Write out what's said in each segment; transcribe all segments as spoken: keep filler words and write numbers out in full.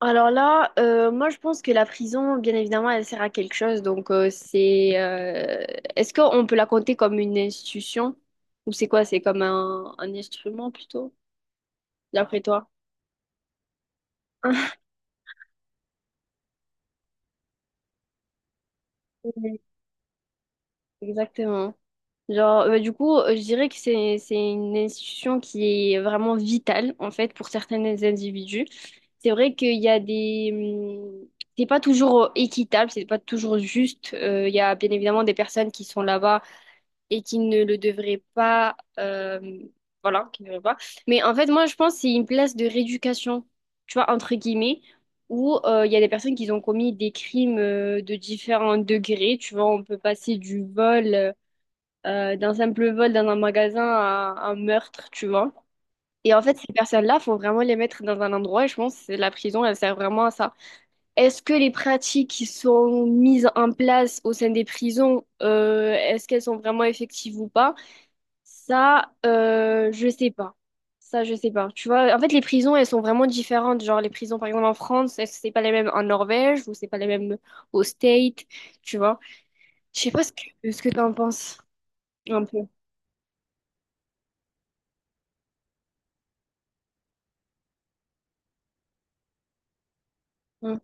Alors là, euh, moi je pense que la prison, bien évidemment, elle sert à quelque chose. Donc euh, c'est, euh, est-ce qu'on peut la compter comme une institution ou c'est quoi? C'est comme un, un instrument plutôt, d'après toi? Oui, exactement. Genre, euh, du coup, euh, je dirais que c'est c'est une institution qui est vraiment vitale en fait pour certains individus. C'est vrai qu'il y a des hum, c'est pas toujours euh, équitable, c'est pas toujours juste. Euh, Il y a bien évidemment des personnes qui sont là-bas et qui ne le devrait pas. Euh, voilà, qui ne devrait pas. Mais en fait, moi, je pense que c'est une place de rééducation, tu vois, entre guillemets, où euh, il y a des personnes qui ont commis des crimes euh, de différents degrés. Tu vois, on peut passer du vol, euh, d'un simple vol dans un magasin à un meurtre, tu vois. Et en fait, ces personnes-là, faut vraiment les mettre dans un endroit, et je pense que la prison, elle sert vraiment à ça. Est-ce que les pratiques qui sont mises en place au sein des prisons, euh, est-ce qu'elles sont vraiment effectives ou pas? Ça, euh, je sais pas. Ça, je sais pas. Tu vois, en fait, les prisons, elles sont vraiment différentes. Genre, les prisons, par exemple, en France, elles- c'est pas les mêmes en Norvège ou c'est pas les mêmes au State, tu vois. Je sais pas ce que, ce que t'en penses, un peu. Mm.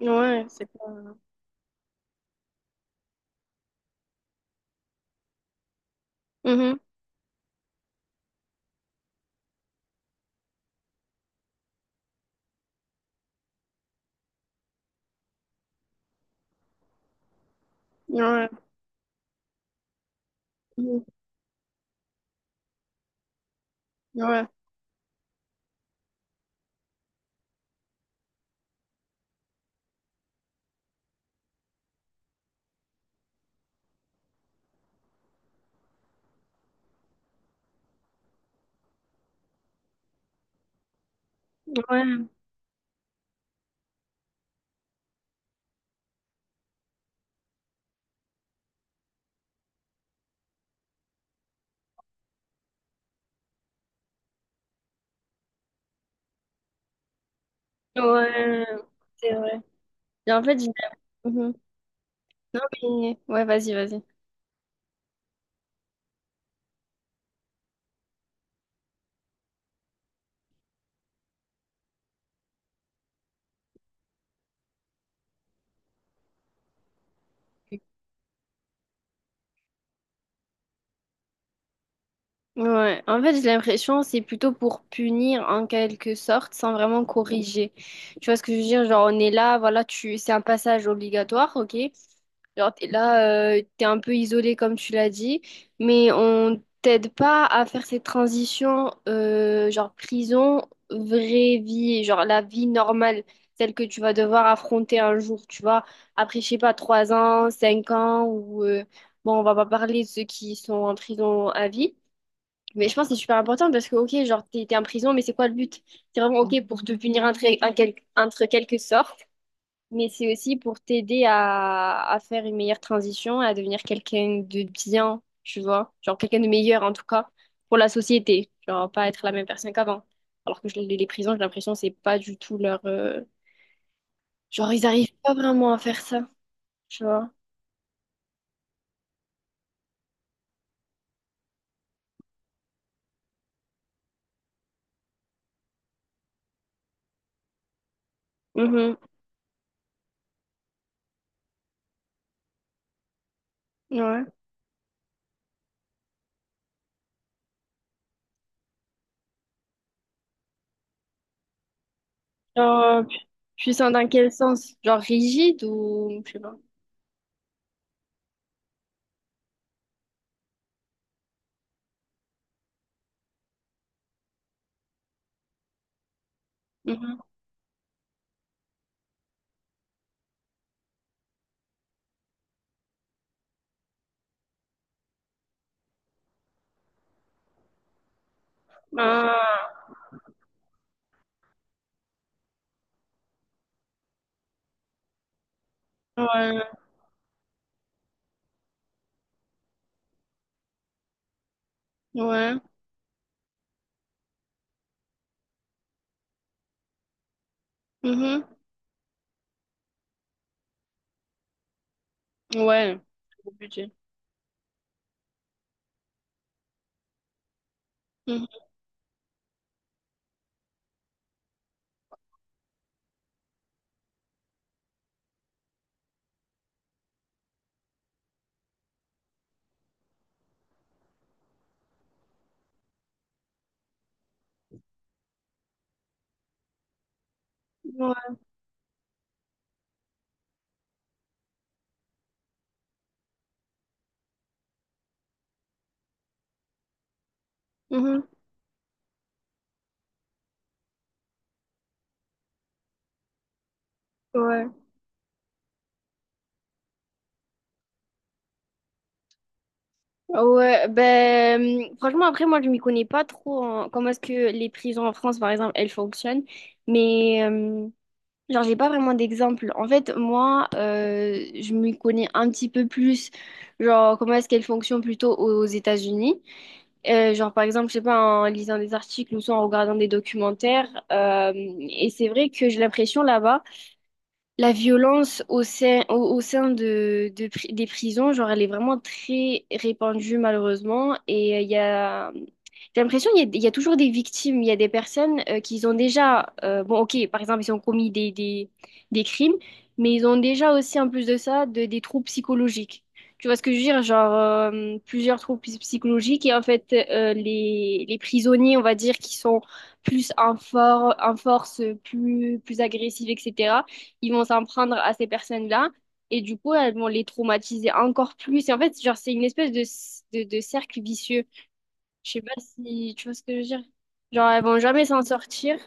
Ouais, c'est pas... Mhm. Ouais. Mhm. Ouais. Ouais. Ouais. C'est vrai. Et en fait, j'ai- Mhm. Oui. Ouais, vas-y, vas-y. Ouais, en fait, j'ai l'impression c'est plutôt pour punir en quelque sorte sans vraiment corriger. Tu vois ce que je veux dire? Genre, on est là, voilà, tu c'est un passage obligatoire, ok? Genre, t'es là, euh, t'es un peu isolé comme tu l'as dit, mais on t'aide pas à faire cette transition, euh, genre prison, vraie vie, genre la vie normale, celle que tu vas devoir affronter un jour, tu vois. Après, je sais pas, trois ans, cinq ans, ou euh, bon, on va pas parler de ceux qui sont en prison à vie. Mais je pense que c'est super important parce que, ok, genre, t'es, t'es en prison, mais c'est quoi le but? C'est vraiment, ok, pour te punir entre, un quel- entre quelque sorte, mais c'est aussi pour t'aider à, à faire une meilleure transition, à devenir quelqu'un de bien, tu vois? Genre, quelqu'un de meilleur, en tout cas, pour la société. Genre, pas être la même personne qu'avant. Alors que je- les les prisons, j'ai l'impression, que c'est pas du tout leur... euh, Genre, ils arrivent pas vraiment à faire ça, tu vois? Mhm. Ouais. Genre, euh, pu- puissant dans quel sens? Genre, rigide ou... Je sais pas. Mhm. Ouais, ouais, mhm, ouais, gros budget. Mhm, ouais, mhm, ouais, Ah ouais, ben, hum, franchement, après, moi, je m'y connais pas trop en comment est-ce que les prisons en France, par exemple, elles fonctionnent, mais, hum, genre, j'ai pas vraiment d'exemple. En fait, moi, euh, je m'y connais un petit peu plus, genre, comment est-ce qu'elles fonctionnent plutôt aux États-Unis. Euh, genre, par exemple, je sais pas, en lisant des articles ou soit en regardant des documentaires, euh, et c'est vrai que j'ai l'impression là-bas, la violence au sein, au, au sein de, de pri- des prisons, genre, elle est vraiment très répandue malheureusement. Et euh, il y a, j'ai l'impression qu'il y, a il y a toujours des victimes. Il y a des personnes euh, qui ont déjà, euh, bon, ok, par exemple, ils ont commis des, des, des crimes, mais ils ont déjà aussi, en plus de ça, de- des troubles psychologiques. Tu vois ce que je veux dire? Genre, euh, plusieurs troubles psy- psychologiques. Et en fait, euh, les, les prisonniers, on va dire, qui sont plus en, for- en force, plus, plus agressifs, etc. Ils vont s'en prendre à ces personnes-là et du coup, elles vont les traumatiser encore plus. Et en fait, genre, c'est une espèce de, de, de cercle vicieux. Je sais pas si tu vois ce que je veux dire. Genre, elles vont jamais s'en sortir.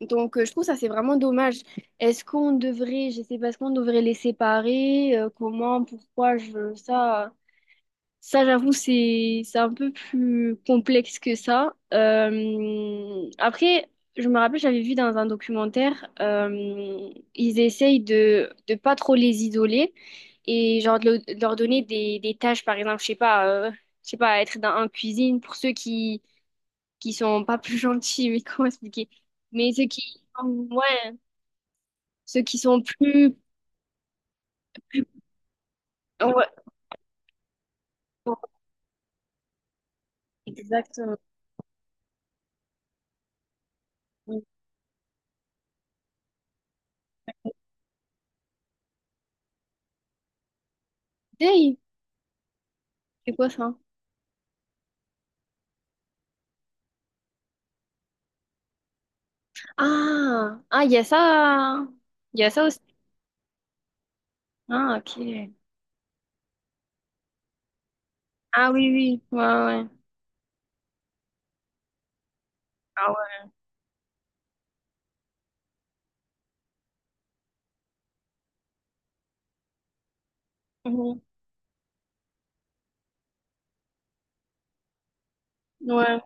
Donc, euh, je trouve ça, c'est vraiment dommage. Est-ce qu'on devrait, je sais pas, est-ce qu'on devrait les séparer? Euh, comment, pourquoi je veux ça? Ça, j'avoue, c'est c'est un peu plus complexe que ça. Euh, après, je me rappelle, j'avais vu dans un documentaire, euh, ils essayent de de pas trop les isoler et genre de, le- de leur donner des, des tâches, par exemple, je sais pas, euh, je sais pas, être dans un cuisine pour ceux qui qui sont pas plus gentils, mais comment expliquer? Mais ceux qui, ouais, ceux qui sont plus, ouais, exactement. Hey, c'est quoi ça? Ah, ah, il y a ça. Il y a ça aussi. Ah, ok. Ah oui, oui. Ouais, ouais. Ah ouais. Mhm. Ouais.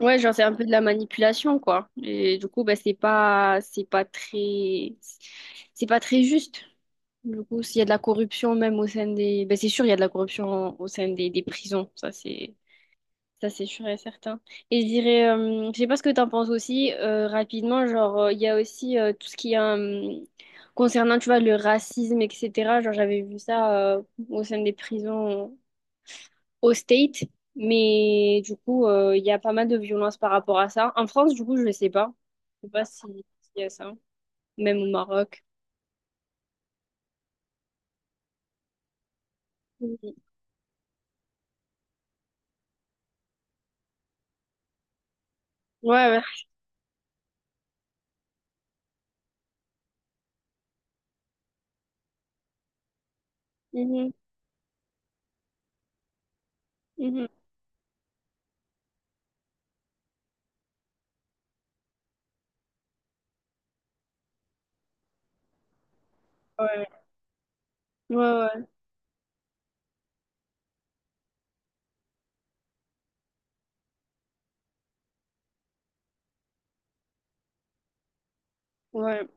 Ouais, genre c'est un peu de la manipulation, quoi. Et du coup, bah, c'est pas, c'est pas très, c'est pas très juste. Du coup, s'il y a de la corruption même au sein des, bah, c'est sûr, il y a de la corruption au sein des, des prisons. Ça, c'est, Ça, c'est sûr et certain. Et je dirais, euh, je sais pas ce que tu en penses aussi, euh, rapidement, genre, euh, il y a aussi euh, tout ce qui est euh, concernant, tu vois, le racisme, et cetera. Genre, j'avais vu ça euh, au sein des prisons au State, mais du coup, euh, il y a pas mal de violences par rapport à ça. En France, du coup, je sais pas. Je sais pas si- s'il y a ça, même au Maroc. Mhm. Ouais, ouais. Mhm. Mhm. Ouais, ouais, ouais. Ouais,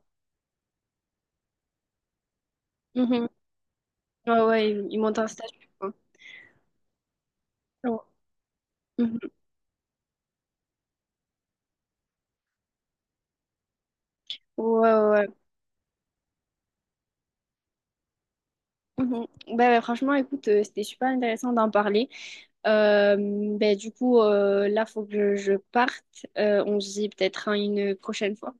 Mhm. Ouais, ouais, ils ils montent un statut, quoi. Ouais, Mhm. ouais. ouais. ouais. Mhm. Bah, bah, franchement, écoute, euh, c'était super intéressant d'en parler. Euh, Bah, du coup, euh, là, faut que je, je parte. Euh, on se dit peut-être à une prochaine fois.